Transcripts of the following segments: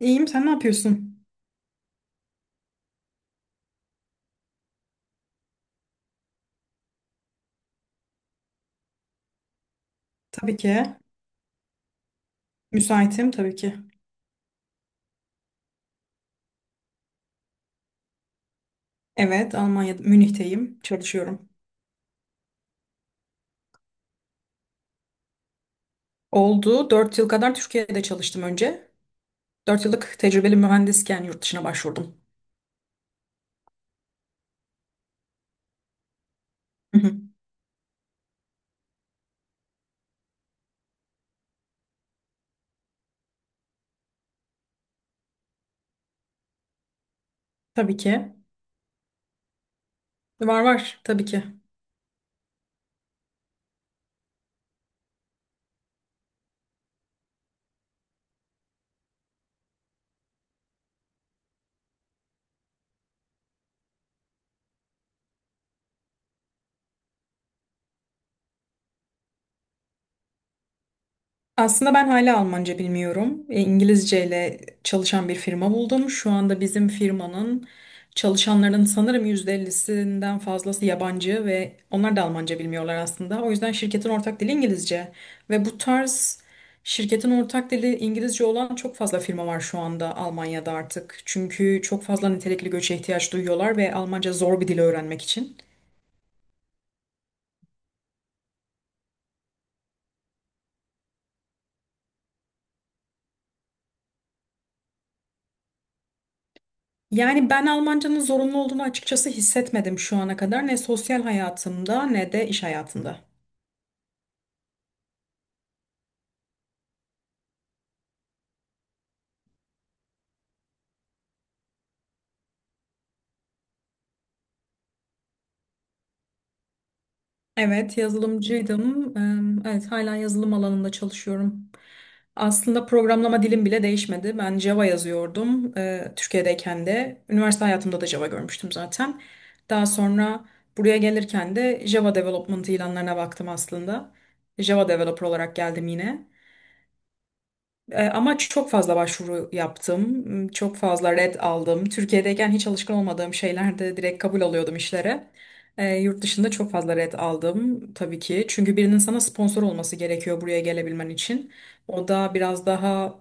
İyiyim, sen ne yapıyorsun? Tabii ki. Müsaitim tabii ki. Evet, Almanya'da, Münih'teyim. Çalışıyorum. Oldu. 4 yıl kadar Türkiye'de çalıştım önce. 4 yıllık tecrübeli mühendisken yurt dışına başvurdum. Hı hı. Tabii ki. Var var, tabii ki. Aslında ben hala Almanca bilmiyorum. İngilizce ile çalışan bir firma buldum. Şu anda bizim firmanın çalışanlarının sanırım %50'sinden fazlası yabancı ve onlar da Almanca bilmiyorlar aslında. O yüzden şirketin ortak dili İngilizce. Ve bu tarz şirketin ortak dili İngilizce olan çok fazla firma var şu anda Almanya'da artık. Çünkü çok fazla nitelikli göçe ihtiyaç duyuyorlar ve Almanca zor bir dil öğrenmek için. Yani ben Almancanın zorunlu olduğunu açıkçası hissetmedim şu ana kadar. Ne sosyal hayatımda ne de iş hayatımda. Evet, yazılımcıydım. Evet, hala yazılım alanında çalışıyorum. Aslında programlama dilim bile değişmedi. Ben Java yazıyordum, Türkiye'deyken de. Üniversite hayatımda da Java görmüştüm zaten. Daha sonra buraya gelirken de Java Development ilanlarına baktım aslında. Java Developer olarak geldim yine. Ama çok fazla başvuru yaptım, çok fazla red aldım. Türkiye'deyken hiç alışkın olmadığım şeylerde direkt kabul alıyordum işlere. Yurt dışında çok fazla red aldım tabii ki. Çünkü birinin sana sponsor olması gerekiyor buraya gelebilmen için. O da biraz daha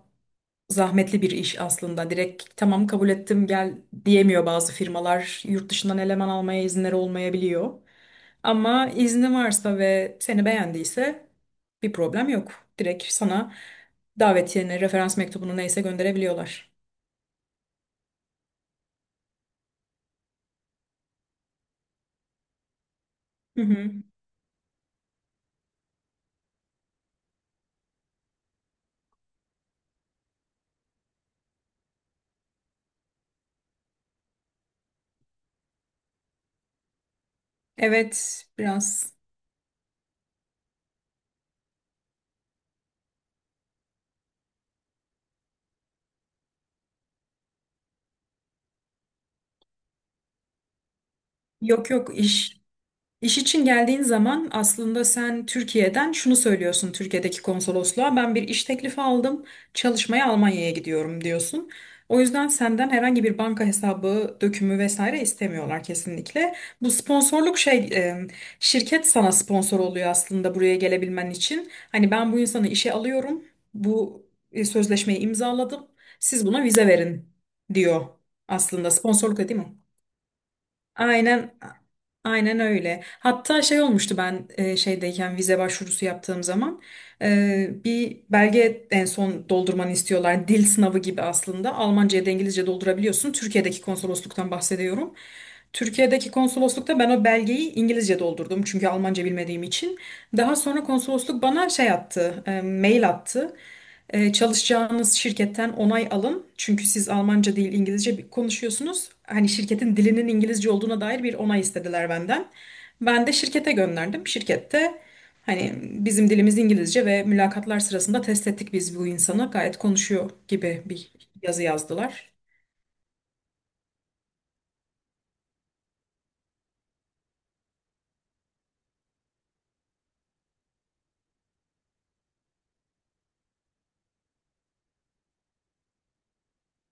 zahmetli bir iş aslında. Direkt tamam kabul ettim gel diyemiyor bazı firmalar. Yurt dışından eleman almaya izinleri olmayabiliyor. Ama izni varsa ve seni beğendiyse bir problem yok. Direkt sana davetiyeni, referans mektubunu neyse gönderebiliyorlar. Hı hı. Evet, biraz. Yok yok. İş için geldiğin zaman aslında sen Türkiye'den şunu söylüyorsun, Türkiye'deki konsolosluğa ben bir iş teklifi aldım, çalışmaya Almanya'ya gidiyorum diyorsun. O yüzden senden herhangi bir banka hesabı, dökümü vesaire istemiyorlar kesinlikle. Bu sponsorluk şey şirket sana sponsor oluyor aslında buraya gelebilmen için. Hani ben bu insanı işe alıyorum. Bu sözleşmeyi imzaladım. Siz buna vize verin diyor aslında, sponsorluk da değil mi? Aynen. Aynen öyle. Hatta şey olmuştu, ben şeydeyken vize başvurusu yaptığım zaman bir belge en son doldurmanı istiyorlar. Dil sınavı gibi aslında. Almanca ya da İngilizce doldurabiliyorsun. Türkiye'deki konsolosluktan bahsediyorum. Türkiye'deki konsoloslukta ben o belgeyi İngilizce doldurdum çünkü Almanca bilmediğim için. Daha sonra konsolosluk bana şey attı, mail attı. Çalışacağınız şirketten onay alın. Çünkü siz Almanca değil İngilizce konuşuyorsunuz. Hani şirketin dilinin İngilizce olduğuna dair bir onay istediler benden. Ben de şirkete gönderdim. Şirkette hani bizim dilimiz İngilizce ve mülakatlar sırasında test ettik biz bu insanı. Gayet konuşuyor gibi bir yazı yazdılar.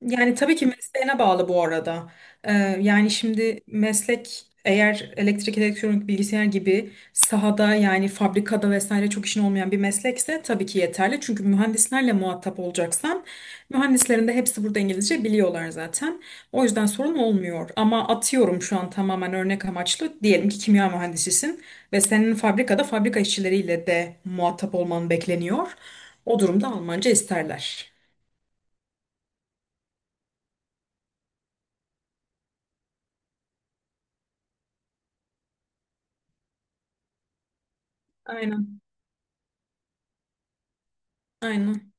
Yani tabii ki mesleğine bağlı bu arada. Ee, Yani şimdi meslek eğer elektrik, elektronik, bilgisayar gibi sahada yani fabrikada vesaire çok işin olmayan bir meslekse tabii ki yeterli. Çünkü mühendislerle muhatap olacaksan mühendislerin de hepsi burada İngilizce biliyorlar zaten. O yüzden sorun olmuyor. Ama atıyorum şu an tamamen örnek amaçlı. Diyelim ki kimya mühendisisin ve senin fabrikada fabrika işçileriyle de muhatap olman bekleniyor. O durumda Almanca isterler. Aynen. Aynen.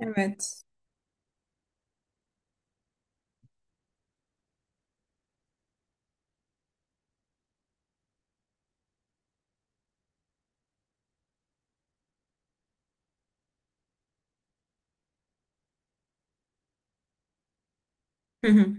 Evet. Hı hı.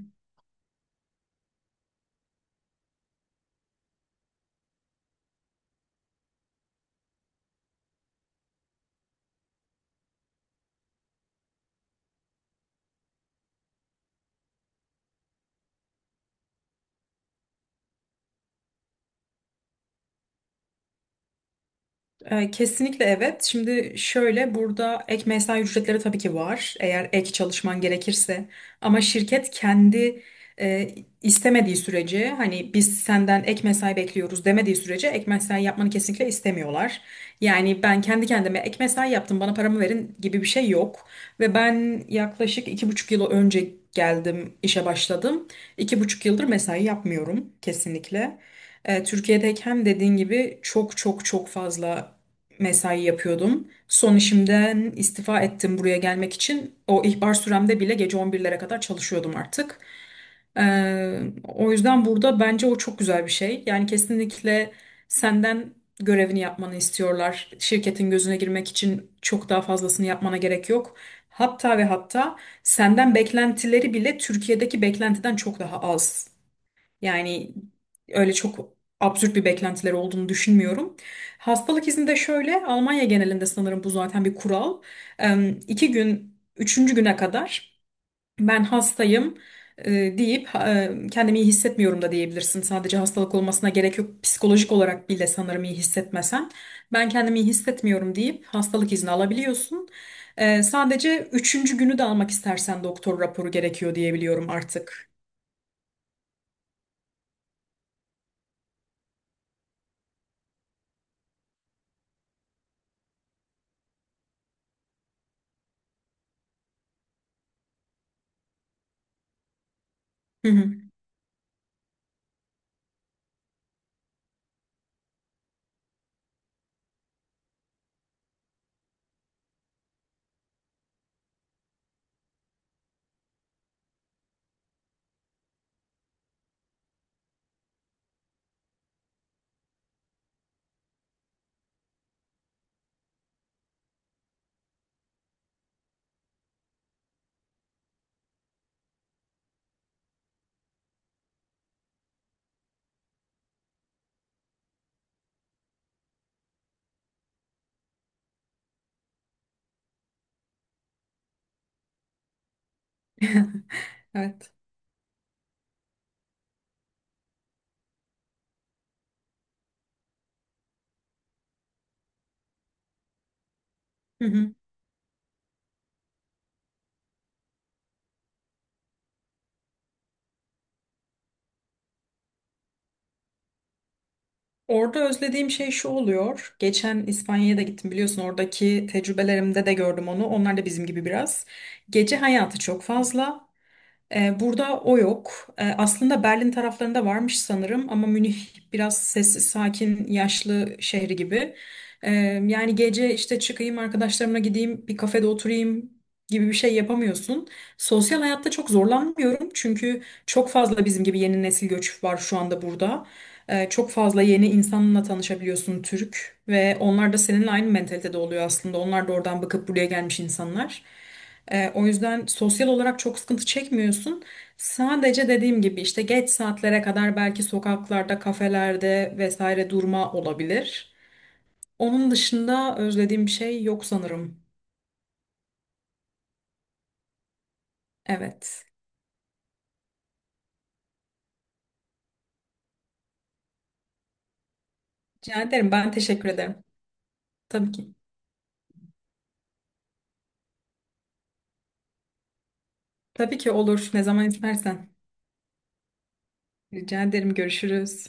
Kesinlikle evet. Şimdi şöyle, burada ek mesai ücretleri tabii ki var. Eğer ek çalışman gerekirse. Ama şirket kendi e, istemediği sürece, hani biz senden ek mesai bekliyoruz demediği sürece, ek mesai yapmanı kesinlikle istemiyorlar. Yani ben kendi kendime ek mesai yaptım, bana paramı verin gibi bir şey yok. Ve ben yaklaşık 2,5 yıl önce geldim, işe başladım. 2,5 yıldır mesai yapmıyorum kesinlikle. Türkiye'deyken dediğin gibi çok çok çok fazla mesai yapıyordum. Son işimden istifa ettim buraya gelmek için. O ihbar süremde bile gece 11'lere kadar çalışıyordum artık. Ee, O yüzden burada bence o çok güzel bir şey. Yani kesinlikle senden görevini yapmanı istiyorlar. Şirketin gözüne girmek için çok daha fazlasını yapmana gerek yok. Hatta ve hatta senden beklentileri bile Türkiye'deki beklentiden çok daha az. Yani öyle çok absürt bir beklentileri olduğunu düşünmüyorum. Hastalık izni de şöyle, Almanya genelinde sanırım bu zaten bir kural. 2 gün, üçüncü güne kadar ben hastayım deyip kendimi iyi hissetmiyorum da diyebilirsin. Sadece hastalık olmasına gerek yok. Psikolojik olarak bile sanırım iyi hissetmesen, ben kendimi iyi hissetmiyorum deyip hastalık izni alabiliyorsun. Sadece üçüncü günü de almak istersen doktor raporu gerekiyor diyebiliyorum artık. Hı hı. Evet. Hı hı. Orada özlediğim şey şu oluyor. Geçen İspanya'ya da gittim, biliyorsun oradaki tecrübelerimde de gördüm onu. Onlar da bizim gibi biraz. Gece hayatı çok fazla. Burada o yok. Aslında Berlin taraflarında varmış sanırım ama Münih biraz sessiz, sakin, yaşlı şehri gibi. Ee, Yani gece işte çıkayım arkadaşlarımla, gideyim bir kafede oturayım gibi bir şey yapamıyorsun. Sosyal hayatta çok zorlanmıyorum çünkü çok fazla bizim gibi yeni nesil göç var şu anda burada. Çok fazla yeni insanla tanışabiliyorsun, Türk, ve onlar da seninle aynı mentalitede oluyor aslında. Onlar da oradan bakıp buraya gelmiş insanlar. O yüzden sosyal olarak çok sıkıntı çekmiyorsun. Sadece dediğim gibi işte geç saatlere kadar belki sokaklarda, kafelerde vesaire durma olabilir. Onun dışında özlediğim bir şey yok sanırım. Evet. Rica ederim. Ben teşekkür ederim. Tabii ki. Tabii ki olur. Ne zaman istersen. Rica ederim. Görüşürüz.